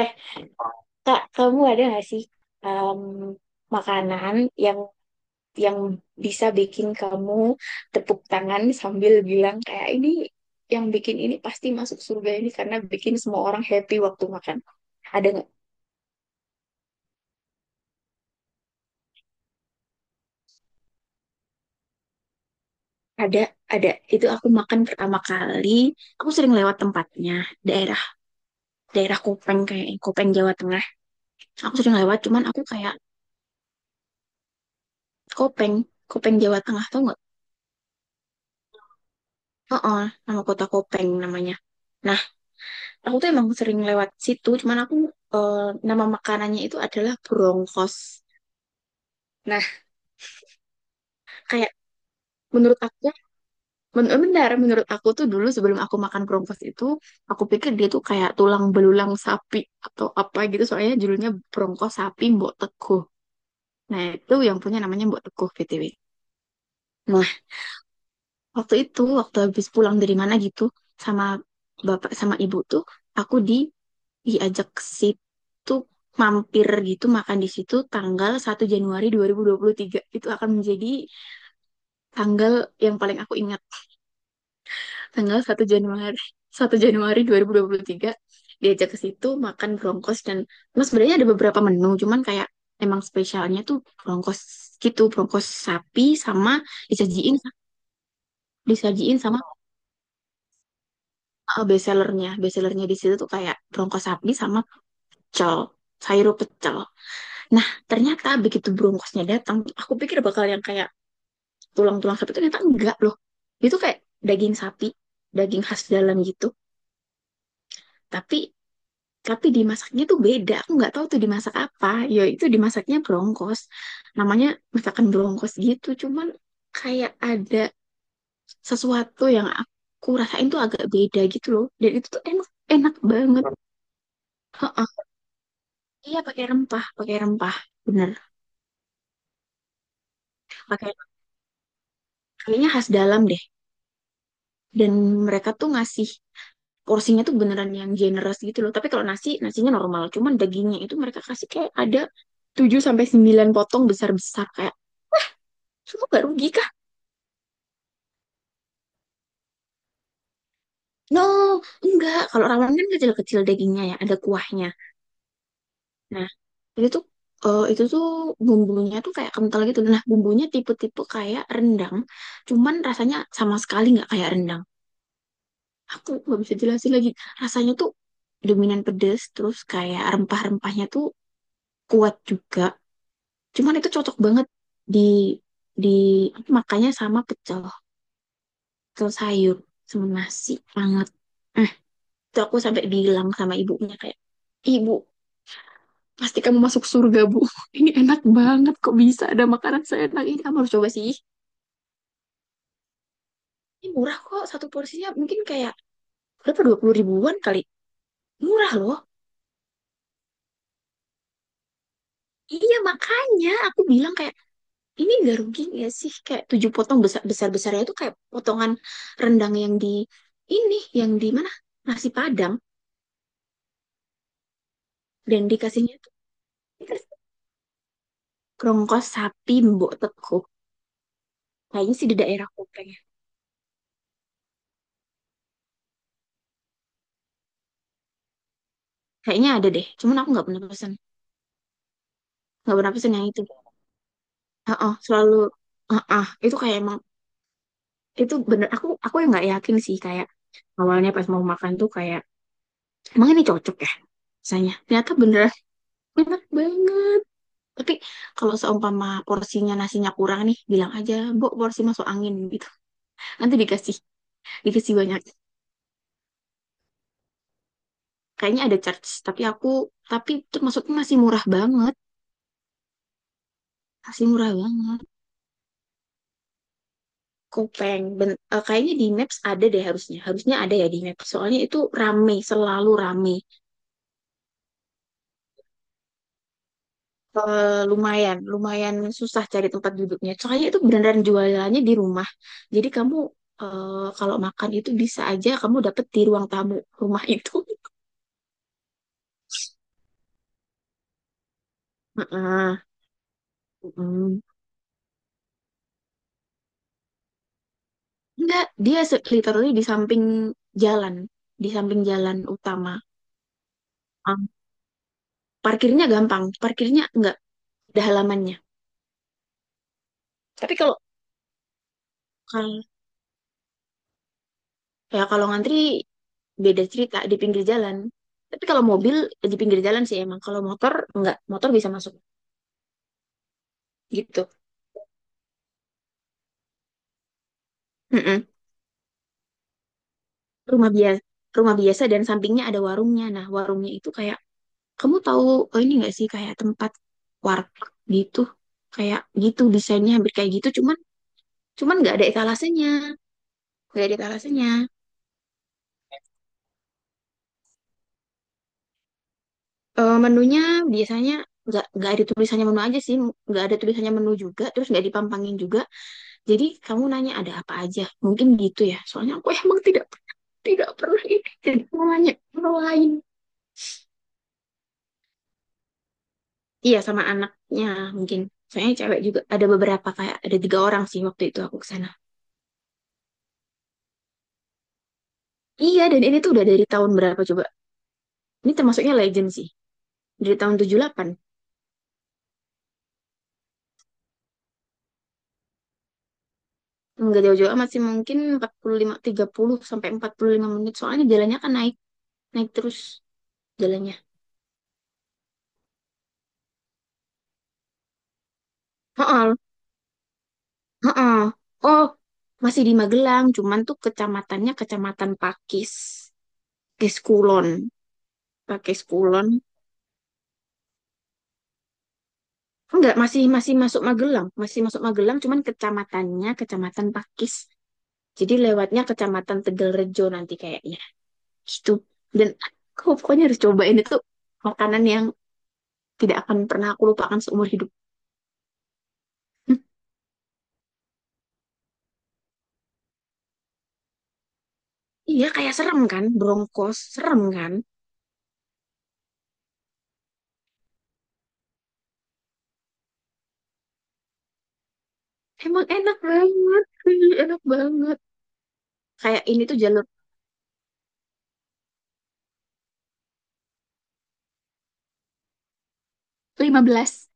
Eh, Kak, kamu ada nggak sih em, makanan yang yang bisa bikin kamu tepuk tangan sambil bilang kayak ini yang bikin ini pasti masuk surga ini karena bikin semua orang happy waktu makan. Ada nggak? Ada, ada. Itu aku makan pertama kali. Aku sering lewat tempatnya, daerah daerah Kopeng kayak Kopeng Jawa Tengah. Aku sering lewat, cuman aku kayak Kopeng, Kopeng Jawa Tengah tau nggak? Oh, nama kota Kopeng namanya. Nah, aku tuh emang sering lewat situ cuman aku eh, nama makanannya itu adalah brongkos nah kayak menurut aku ya, benar menurut aku tuh dulu sebelum aku makan brongkos itu aku pikir dia tuh kayak tulang belulang sapi atau apa gitu soalnya judulnya brongkos sapi Mbok Teguh nah itu yang punya namanya Mbok Teguh BTW nah waktu itu waktu habis pulang dari mana gitu sama bapak sama ibu tuh aku diajak ke situ mampir gitu makan di situ tanggal 1 Januari dua dua ribu dua puluh tiga. Itu akan menjadi tanggal yang paling aku ingat. Tanggal satu Januari 1 Januari dua dua ribu dua puluh tiga diajak ke situ makan brongkos dan mas sebenarnya ada beberapa menu cuman kayak emang spesialnya tuh brongkos gitu brongkos sapi sama disajiin disajiin sama bestsellernya bestsellernya di situ tuh kayak brongkos sapi sama pecel sayur pecel. Nah, ternyata begitu bronkosnya datang, aku pikir bakal yang kayak tulang-tulang sapi itu ternyata enggak loh. Itu kayak daging sapi, daging khas dalam gitu. Tapi tapi dimasaknya tuh beda. Aku nggak tahu tuh dimasak apa. Ya itu dimasaknya bronkos. Namanya masakan bronkos gitu. Cuman kayak ada sesuatu yang aku rasain tuh agak beda gitu loh. Dan itu tuh enak enak banget. Heeh. Iya pakai rempah, pakai rempah. Bener. Pakai kayaknya khas dalam deh. Dan mereka tuh ngasih porsinya tuh beneran yang generous gitu loh. Tapi kalau nasi, nasinya normal. Cuman dagingnya itu mereka kasih kayak ada 7 sampai 9 potong besar-besar kayak itu nggak rugi kah? No, enggak. Kalau ramen kan kecil-kecil dagingnya ya, ada kuahnya. Nah, itu tuh itu tuh bumbunya tuh kayak kental gitu. Nah, bumbunya tipe-tipe kayak rendang, cuman rasanya sama sekali nggak kayak rendang. Aku nggak bisa jelasin lagi. Rasanya tuh dominan pedes, terus kayak rempah-rempahnya tuh kuat juga. Cuman itu cocok banget di di makanya sama pecel, pecel sayur sama nasi hangat. Eh, itu aku sampai bilang sama ibunya kayak, "Ibu, pasti kamu masuk surga, Bu. Ini enak banget kok bisa ada makanan seenak ini. Kamu harus coba sih. Ini murah kok satu porsinya mungkin kayak berapa 20 ribuan kali. Murah loh." Iya makanya aku bilang kayak ini gak rugi gak sih kayak tujuh potong besar besar besarnya itu kayak potongan rendang yang di ini yang di mana nasi Padang dan dikasihnya tuh dikasih kerongkos sapi mbok teko kayaknya sih di daerah Kopeng ya. Kayaknya ada deh cuman aku nggak pernah pesen yang itu. Heeh, selalu heeh, itu kayak emang itu bener aku yang nggak yakin sih kayak awalnya pas mau makan tuh kayak emang ini cocok ya rasanya ternyata bener enak banget tapi kalau seumpama porsinya nasinya kurang nih bilang aja mbok porsi masuk angin gitu nanti dikasih dikasih banyak kayaknya ada charge tapi aku tapi itu maksudnya masih murah banget. Asli murah banget. Kopeng. Kayaknya di Maps ada deh harusnya. Harusnya ada ya di Maps. Soalnya itu rame, selalu rame. Lumayan, lumayan susah cari tempat duduknya. Soalnya itu beneran jualannya di rumah. Jadi kamu kalau makan itu bisa aja kamu dapet di ruang tamu rumah itu. Heeh. Mm. Enggak, dia literally jalan, di samping jalan utama. Um, parkirnya gampang, parkirnya enggak ada halamannya. Tapi kalau kalau ya kalau ngantri beda cerita di pinggir jalan. Tapi kalau mobil di pinggir jalan sih emang. Kalau motor enggak, motor bisa masuk gitu. Mm-mm. Rumah biasa, rumah biasa dan sampingnya ada warungnya. Nah, warungnya itu kayak kamu tahu oh ini enggak sih kayak tempat warteg gitu. Kayak gitu desainnya hampir kayak gitu cuman cuman nggak ada etalasenya. Nggak ada etalasenya. Menunya biasanya nggak ada tulisannya menu aja sih, nggak ada tulisannya menu juga, terus nggak dipampangin juga. Jadi kamu nanya ada apa aja. Mungkin gitu ya. Soalnya aku emang tidak tidak pernah ini. Tidak pernah nanya orang lain. Iya sama anaknya mungkin. Soalnya cewek juga ada beberapa kayak ada tiga orang sih waktu itu aku kesana. Iya dan ini tuh udah dari tahun berapa coba? Ini termasuknya legend sih. Dari tahun 78. Enggak jauh-jauh amat sih mungkin 45, 30 sampai 45 menit. Soalnya jalannya kan naik naik terus jalannya. Heeh. Heeh. Oh, masih di Magelang, cuman tuh kecamatannya kecamatan Pakis. Pakai skulon pakai skulon enggak masih masih masuk Magelang cuman kecamatannya kecamatan Pakis jadi lewatnya kecamatan Tegal Rejo nanti kayaknya gitu dan aku pokoknya harus cobain itu makanan yang tidak akan pernah aku lupakan seumur hidup. Hm, iya kayak serem kan Bronkos serem kan emang enak banget kayak ini tuh jalur 15.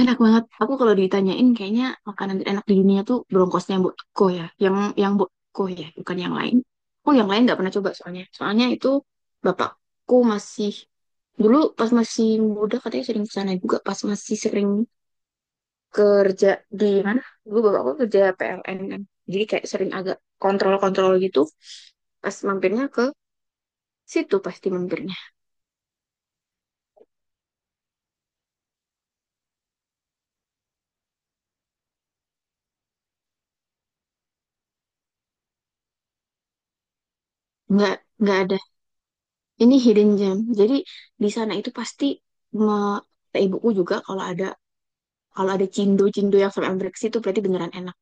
Enak banget. Aku kalau ditanyain kayaknya makanan enak di dunia tuh bronkosnya Mbok Eko ya. Yang Mbok Eko ya, bukan yang lain. Aku yang lain nggak pernah coba soalnya. Soalnya itu bapakku masih dulu pas masih muda katanya sering ke sana juga pas masih sering kerja di mana? Dulu bapakku kerja PLN kan. Jadi kayak sering agak kontrol-kontrol gitu. Pas mampirnya ke situ pasti mampirnya. Nggak nggak ada. Ini hidden gem. Jadi di sana itu pasti me- kata ibuku juga kalau ada cindo-cindo yang sampai ambrek itu berarti beneran enak.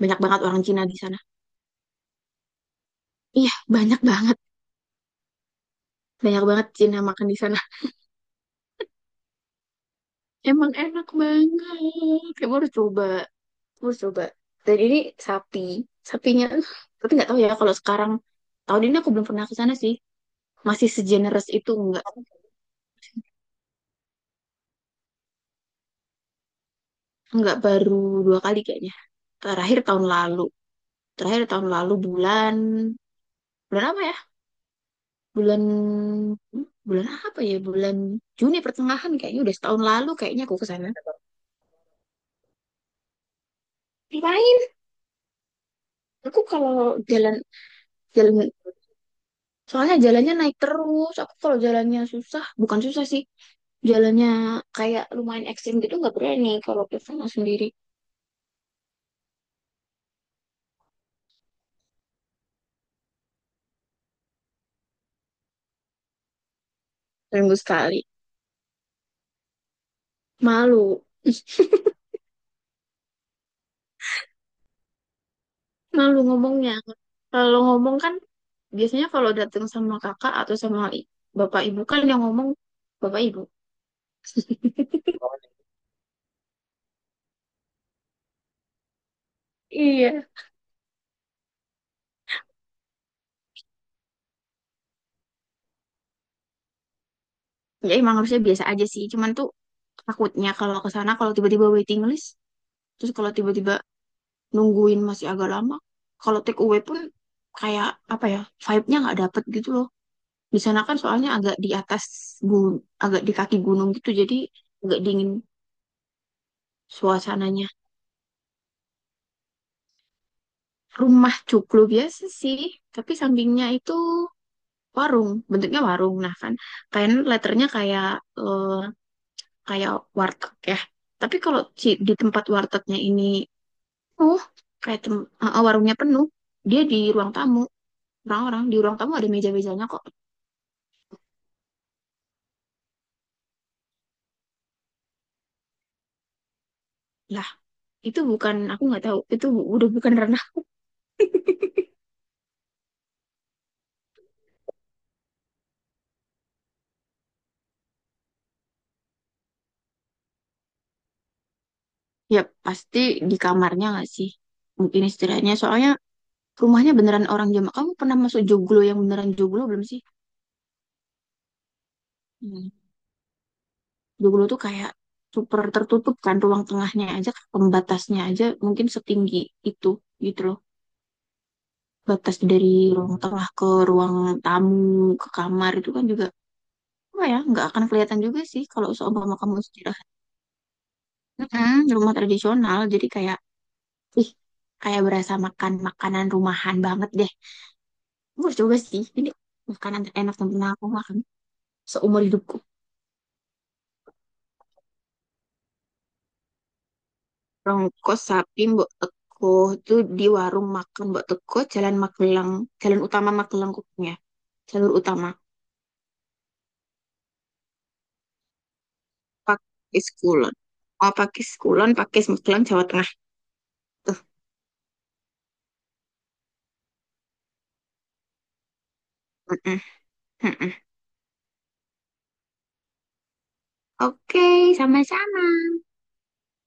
Banyak banget orang Cina di sana. Iya, banyak banget. Banyak banget Cina makan di sana. Emang enak banget. Kamu harus coba. Kamu harus coba. Dan ini sapi. Sapinya tapi nggak tahu ya kalau sekarang tahun ini aku belum pernah ke sana sih. Masih segenerous itu nggak baru dua kali kayaknya. Terakhir tahun lalu. Terakhir tahun lalu bulan bulan apa ya? Bulan bulan apa ya bulan Juni pertengahan kayaknya udah setahun lalu kayaknya aku ke sana ngapain aku kalau jalan jalan soalnya jalannya naik terus aku kalau jalannya susah bukan susah sih jalannya kayak lumayan ekstrim gitu nggak berani kalau ke sana sendiri seminggu sekali malu malu ngomongnya kalau ngomong kan biasanya kalau datang sama kakak atau sama bapak ibu kan yang ngomong bapak ibu. Iya. Ya emang harusnya biasa aja sih cuman tuh takutnya kalau ke sana kalau tiba-tiba waiting list, terus kalau tiba-tiba nungguin masih agak lama, kalau take away pun kayak apa ya, vibe-nya nggak dapet gitu loh. Di sana kan soalnya agak di atas gunung, agak di kaki gunung gitu, jadi agak dingin suasananya. Rumah cuklu biasa sih, tapi sampingnya itu warung, bentuknya warung. Nah kan, kayaknya letternya kayak eh, kayak warteg ya. Tapi kalau di tempat wartegnya ini penuh kayak warungnya penuh dia di ruang tamu orang-orang di ruang tamu ada meja-mejanya kok lah itu bukan aku nggak tahu itu udah bukan ranah ya pasti di kamarnya nggak sih mungkin istirahatnya soalnya rumahnya beneran orang Jamak kamu pernah masuk joglo yang beneran joglo belum sih. Hmm. Joglo tuh kayak super tertutup kan ruang tengahnya aja pembatasnya aja mungkin setinggi itu gitu loh batas dari ruang tengah ke ruang tamu ke kamar itu kan juga apa ya nggak akan kelihatan juga sih kalau seumpama kamu istirahat di rumah tradisional jadi kayak ih kayak berasa makan makanan rumahan banget deh gue coba sih ini makanan terenak yang pernah aku makan seumur hidupku rongkos sapi Mbok Teko itu di warung makan Mbok Teko Jalan Magelang Jalan Utama Magelang Kupang ya jalur utama pakai Kulon. Oh, pakai Kulon pakai Magelang Jawa Tengah tuh mm-mm, mm-mm. Oke sama-sama